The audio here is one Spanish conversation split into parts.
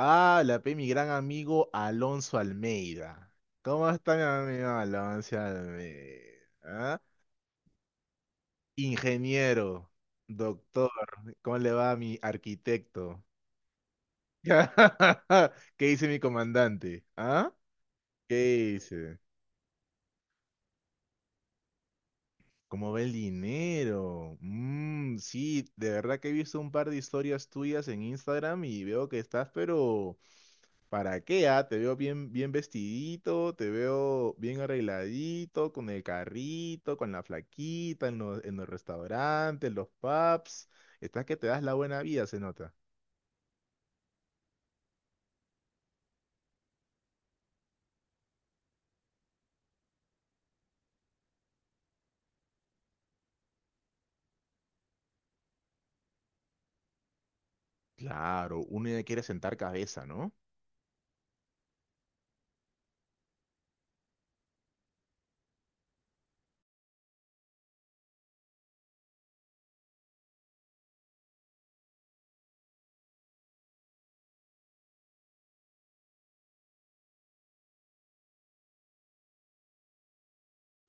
Ah, la pe, mi gran amigo Alonso Almeida. ¿Cómo está mi amigo Alonso Almeida? ¿Ah? Ingeniero, doctor, ¿cómo le va a mi arquitecto? ¿Qué dice mi comandante? ¿Ah? ¿Qué dice? ¿Cómo ve el dinero? Mm, sí, de verdad que he visto un par de historias tuyas en Instagram y veo que estás, pero ¿para qué? ¿Ah? Te veo bien, bien vestidito, te veo bien arregladito, con el carrito, con la flaquita, en los, restaurantes, en los pubs. Estás que te das la buena vida, se nota. Claro, uno ya quiere sentar cabeza, ¿no?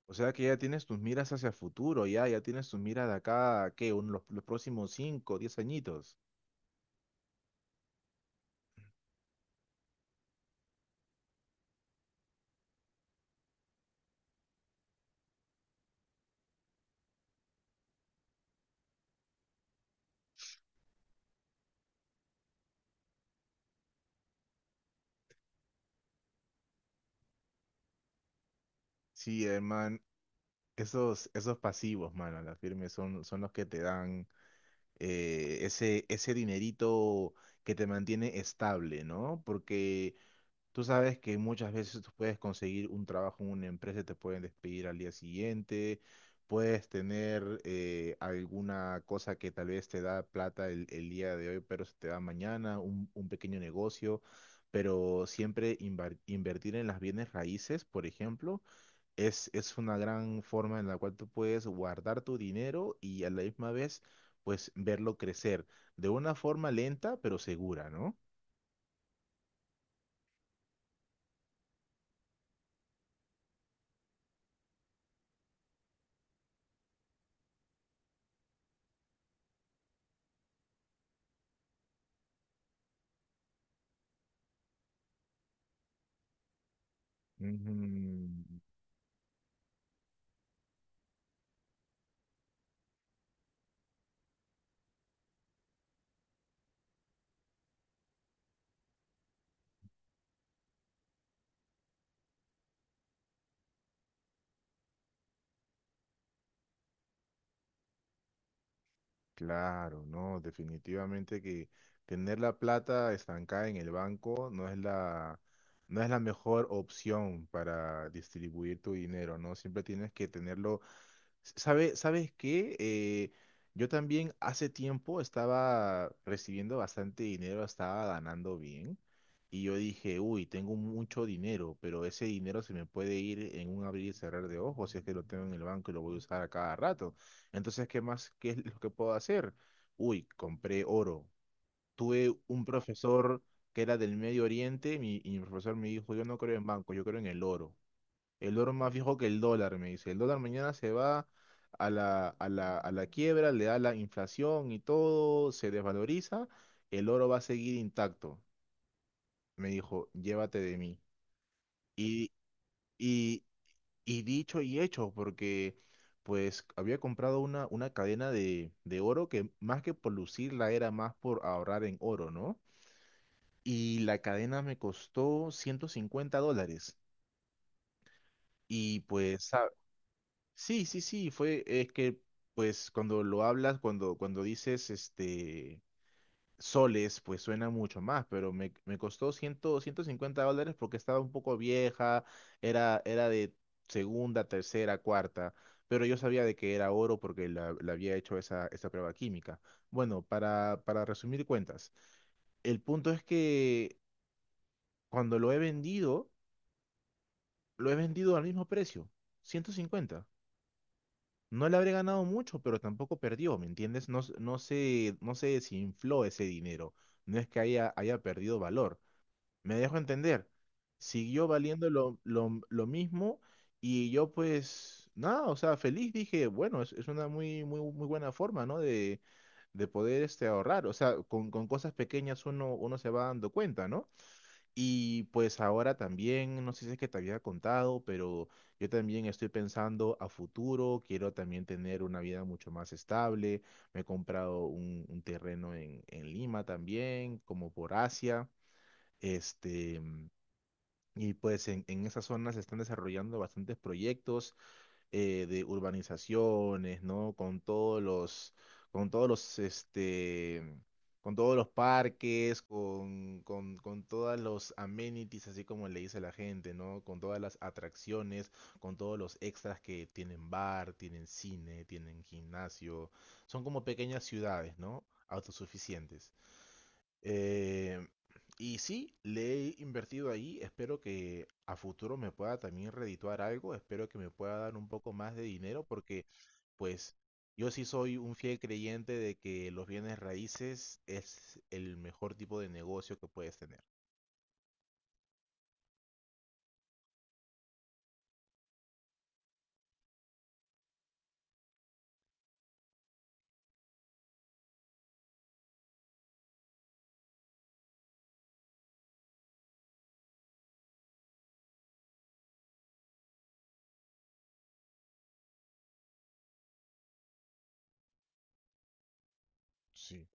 O sea que ya tienes tus miras hacia el futuro, ya, tienes tus miras de acá, a, ¿qué? Los próximos 5, 10 añitos. Sí, hermano, esos, pasivos, mano, a la firme son los que te dan ese dinerito que te mantiene estable, ¿no? Porque tú sabes que muchas veces tú puedes conseguir un trabajo en una empresa y te pueden despedir al día siguiente, puedes tener alguna cosa que tal vez te da plata el, día de hoy, pero se te da mañana, un pequeño negocio, pero siempre invertir en las bienes raíces, por ejemplo. es una gran forma en la cual tú puedes guardar tu dinero y a la misma vez, pues verlo crecer de una forma lenta pero segura, ¿no? Ujú. Claro, no, definitivamente que tener la plata estancada en el banco no es la mejor opción para distribuir tu dinero, ¿no? Siempre tienes que tenerlo. ¿Sabes qué? Yo también hace tiempo estaba recibiendo bastante dinero, estaba ganando bien. Y yo dije, uy, tengo mucho dinero, pero ese dinero se me puede ir en un abrir y cerrar de ojos si es que lo tengo en el banco y lo voy a usar a cada rato. Entonces, ¿qué más? ¿Qué es lo que puedo hacer? Uy, compré oro. Tuve un profesor que era del Medio Oriente y mi profesor me dijo, yo no creo en banco, yo creo en el oro. El oro más viejo que el dólar, me dice. El dólar mañana se va a la, quiebra, le da la inflación y todo, se desvaloriza. El oro va a seguir intacto. Me dijo, llévate de mí. Y, y, Y dicho y hecho, porque pues había comprado una, cadena de oro que más que por lucirla era más por ahorrar en oro, ¿no? Y la cadena me costó $150. Y pues, sí, sí, sí, fue, es que pues cuando lo hablas, cuando, dices, este, soles, pues suena mucho más, pero me costó cien, $150 porque estaba un poco vieja, era de segunda, tercera, cuarta, pero yo sabía de que era oro porque la, había hecho esa prueba química. Bueno, para resumir cuentas, el punto es que cuando lo he vendido al mismo precio, 150. No le habré ganado mucho, pero tampoco perdió, ¿me entiendes? No, no se, desinfló ese dinero. No es que haya perdido valor. Me dejo entender. Siguió valiendo lo mismo, y yo pues nada, o sea, feliz dije, bueno, es, una muy, muy, muy buena forma, ¿no? de, poder este, ahorrar. O sea, con, cosas pequeñas uno se va dando cuenta, ¿no? Y pues ahora también, no sé si es que te había contado, pero yo también estoy pensando a futuro, quiero también tener una vida mucho más estable. Me he comprado un, terreno en Lima también, como por Asia. Este. Y pues en esa zona se están desarrollando bastantes proyectos de urbanizaciones, ¿no? Con todos los, con todos los, este, con todos los parques, con todas los amenities, así como le dice la gente, ¿no? Con todas las atracciones, con todos los extras que tienen bar, tienen cine, tienen gimnasio. Son como pequeñas ciudades, ¿no? Autosuficientes. Eh, y sí, le he invertido ahí. Espero que a futuro me pueda también redituar algo. Espero que me pueda dar un poco más de dinero porque, pues, yo sí soy un fiel creyente de que los bienes raíces es el mejor tipo de negocio que puedes tener. Sí.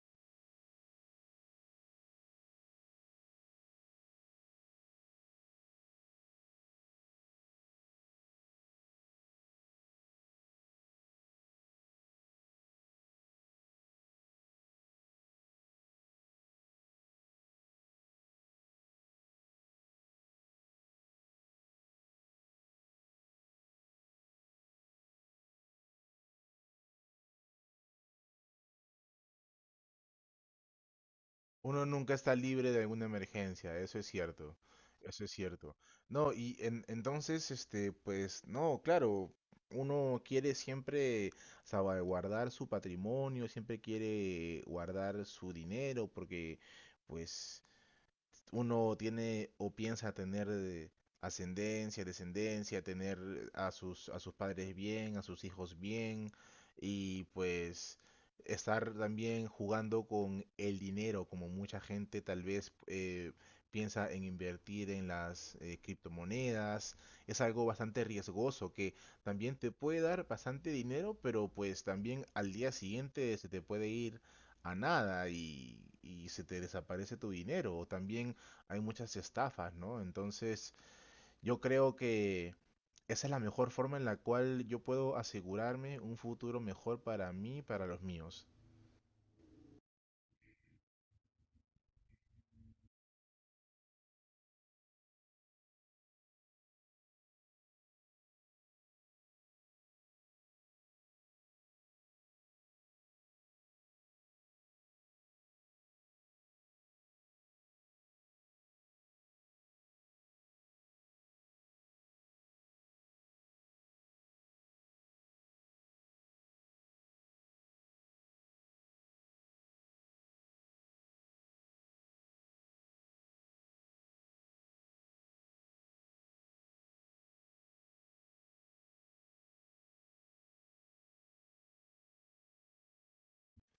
Uno nunca está libre de alguna emergencia, eso es cierto, eso es cierto. No, y entonces, este, pues, no, claro, uno quiere siempre salvaguardar su patrimonio, siempre quiere guardar su dinero, porque, pues, uno tiene o piensa tener ascendencia, descendencia, tener a sus, padres bien, a sus hijos bien y pues estar también jugando con el dinero, como mucha gente tal vez piensa en invertir en las criptomonedas. Es algo bastante riesgoso que también te puede dar bastante dinero, pero pues también al día siguiente se te puede ir a nada y se te desaparece tu dinero. O también hay muchas estafas, ¿no? Entonces, yo creo que esa es la mejor forma en la cual yo puedo asegurarme un futuro mejor para mí y para los míos.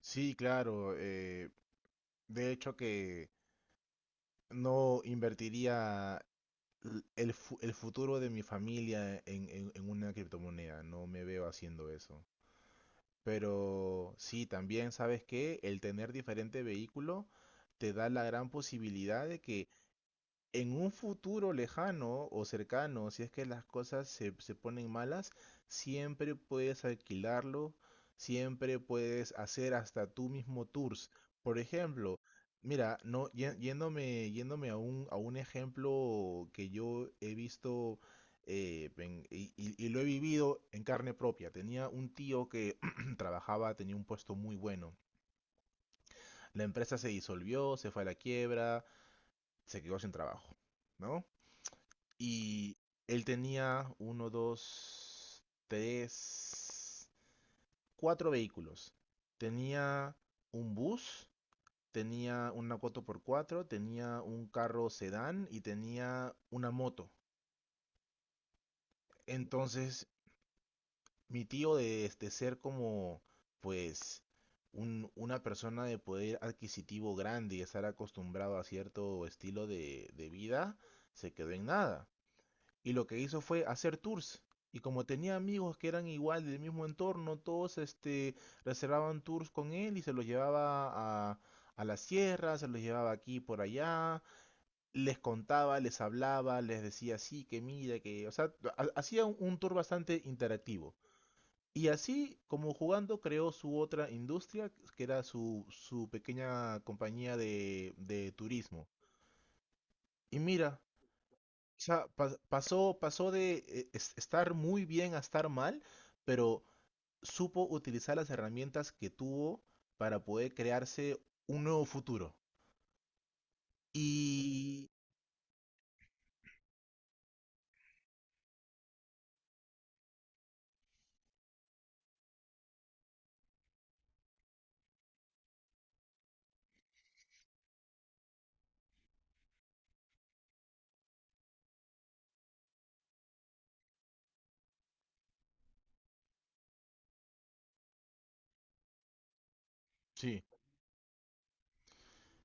Sí, claro, de hecho que no invertiría el futuro de mi familia en una criptomoneda, no me veo haciendo eso. Pero sí, también sabes que el tener diferente vehículo te da la gran posibilidad de que en un futuro lejano o cercano, si es que las cosas se, ponen malas, siempre puedes alquilarlo, siempre puedes hacer hasta tú mismo tours. Por ejemplo, mira, no, yéndome a un ejemplo que yo he visto y lo he vivido en carne propia. Tenía un tío que trabajaba, tenía un puesto muy bueno. La empresa se disolvió, se fue a la quiebra, se quedó sin trabajo, ¿no? Y él tenía uno, dos, tres, cuatro vehículos. Tenía un bus, tenía una 4 por cuatro, tenía un carro sedán y tenía una moto. Entonces, mi tío de, ser como, pues, una persona de poder adquisitivo grande y estar acostumbrado a cierto estilo de vida, se quedó en nada. Y lo que hizo fue hacer tours. Y como tenía amigos que eran igual del mismo entorno, todos este, reservaban tours con él y se los llevaba a, la sierra, se los llevaba aquí por allá, les contaba, les hablaba, les decía sí, que mira, que... O sea, hacía un, tour bastante interactivo. Y así, como jugando, creó su otra industria, que era su, pequeña compañía de turismo. Y mira, o sea, pasó de estar muy bien a estar mal, pero supo utilizar las herramientas que tuvo para poder crearse un nuevo futuro. Y sí,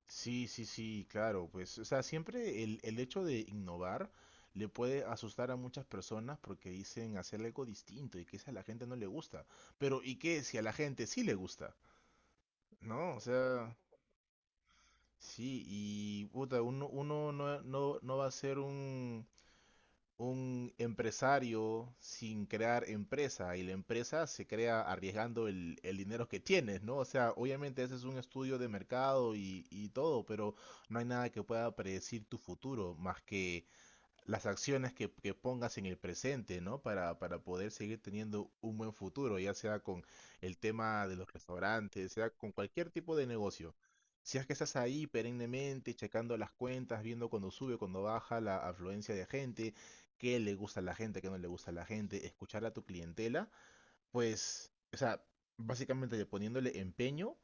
sí, sí, sí, claro, pues, o sea, siempre el, hecho de innovar le puede asustar a muchas personas porque dicen hacer algo distinto y que eso a la gente no le gusta. Pero, ¿y qué si a la gente sí le gusta? ¿No? O sea, sí, y puta, uno, no va a ser un empresario sin crear empresa, y la empresa se crea arriesgando el dinero que tienes, ¿no? O sea, obviamente ese es un estudio de mercado y todo, pero no hay nada que pueda predecir tu futuro más que las acciones que, pongas en el presente, ¿no? para poder seguir teniendo un buen futuro, ya sea con el tema de los restaurantes, sea con cualquier tipo de negocio. Si es que estás ahí perennemente checando las cuentas, viendo cuando sube, cuando baja la afluencia de gente, qué le gusta a la gente, qué no le gusta a la gente, escuchar a tu clientela, pues, o sea, básicamente poniéndole empeño,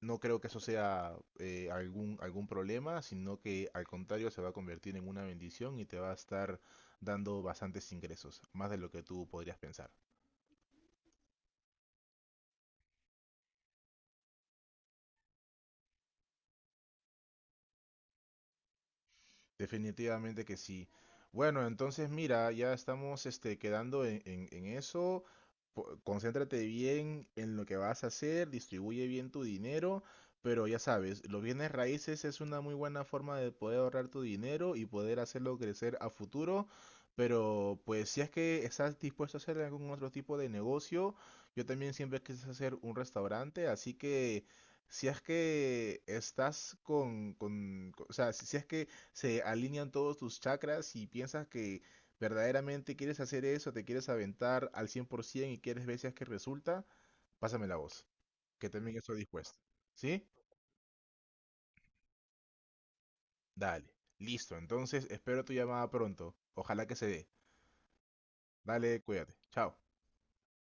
no creo que eso sea algún, problema, sino que al contrario se va a convertir en una bendición y te va a estar dando bastantes ingresos, más de lo que tú podrías pensar. Definitivamente que sí. Bueno, entonces mira, ya estamos este, quedando en eso. Concéntrate bien en lo que vas a hacer, distribuye bien tu dinero, pero ya sabes, los bienes raíces es una muy buena forma de poder ahorrar tu dinero y poder hacerlo crecer a futuro. Pero pues si es que estás dispuesto a hacer algún otro tipo de negocio, yo también siempre quise hacer un restaurante, así que si es que estás con o sea, si es que se alinean todos tus chakras y piensas que verdaderamente quieres hacer eso, te quieres aventar al 100% y quieres ver si es que resulta, pásame la voz, que también estoy dispuesto. ¿Sí? Dale. Listo. Entonces, espero tu llamada pronto. Ojalá que se dé. Dale, cuídate. Chao.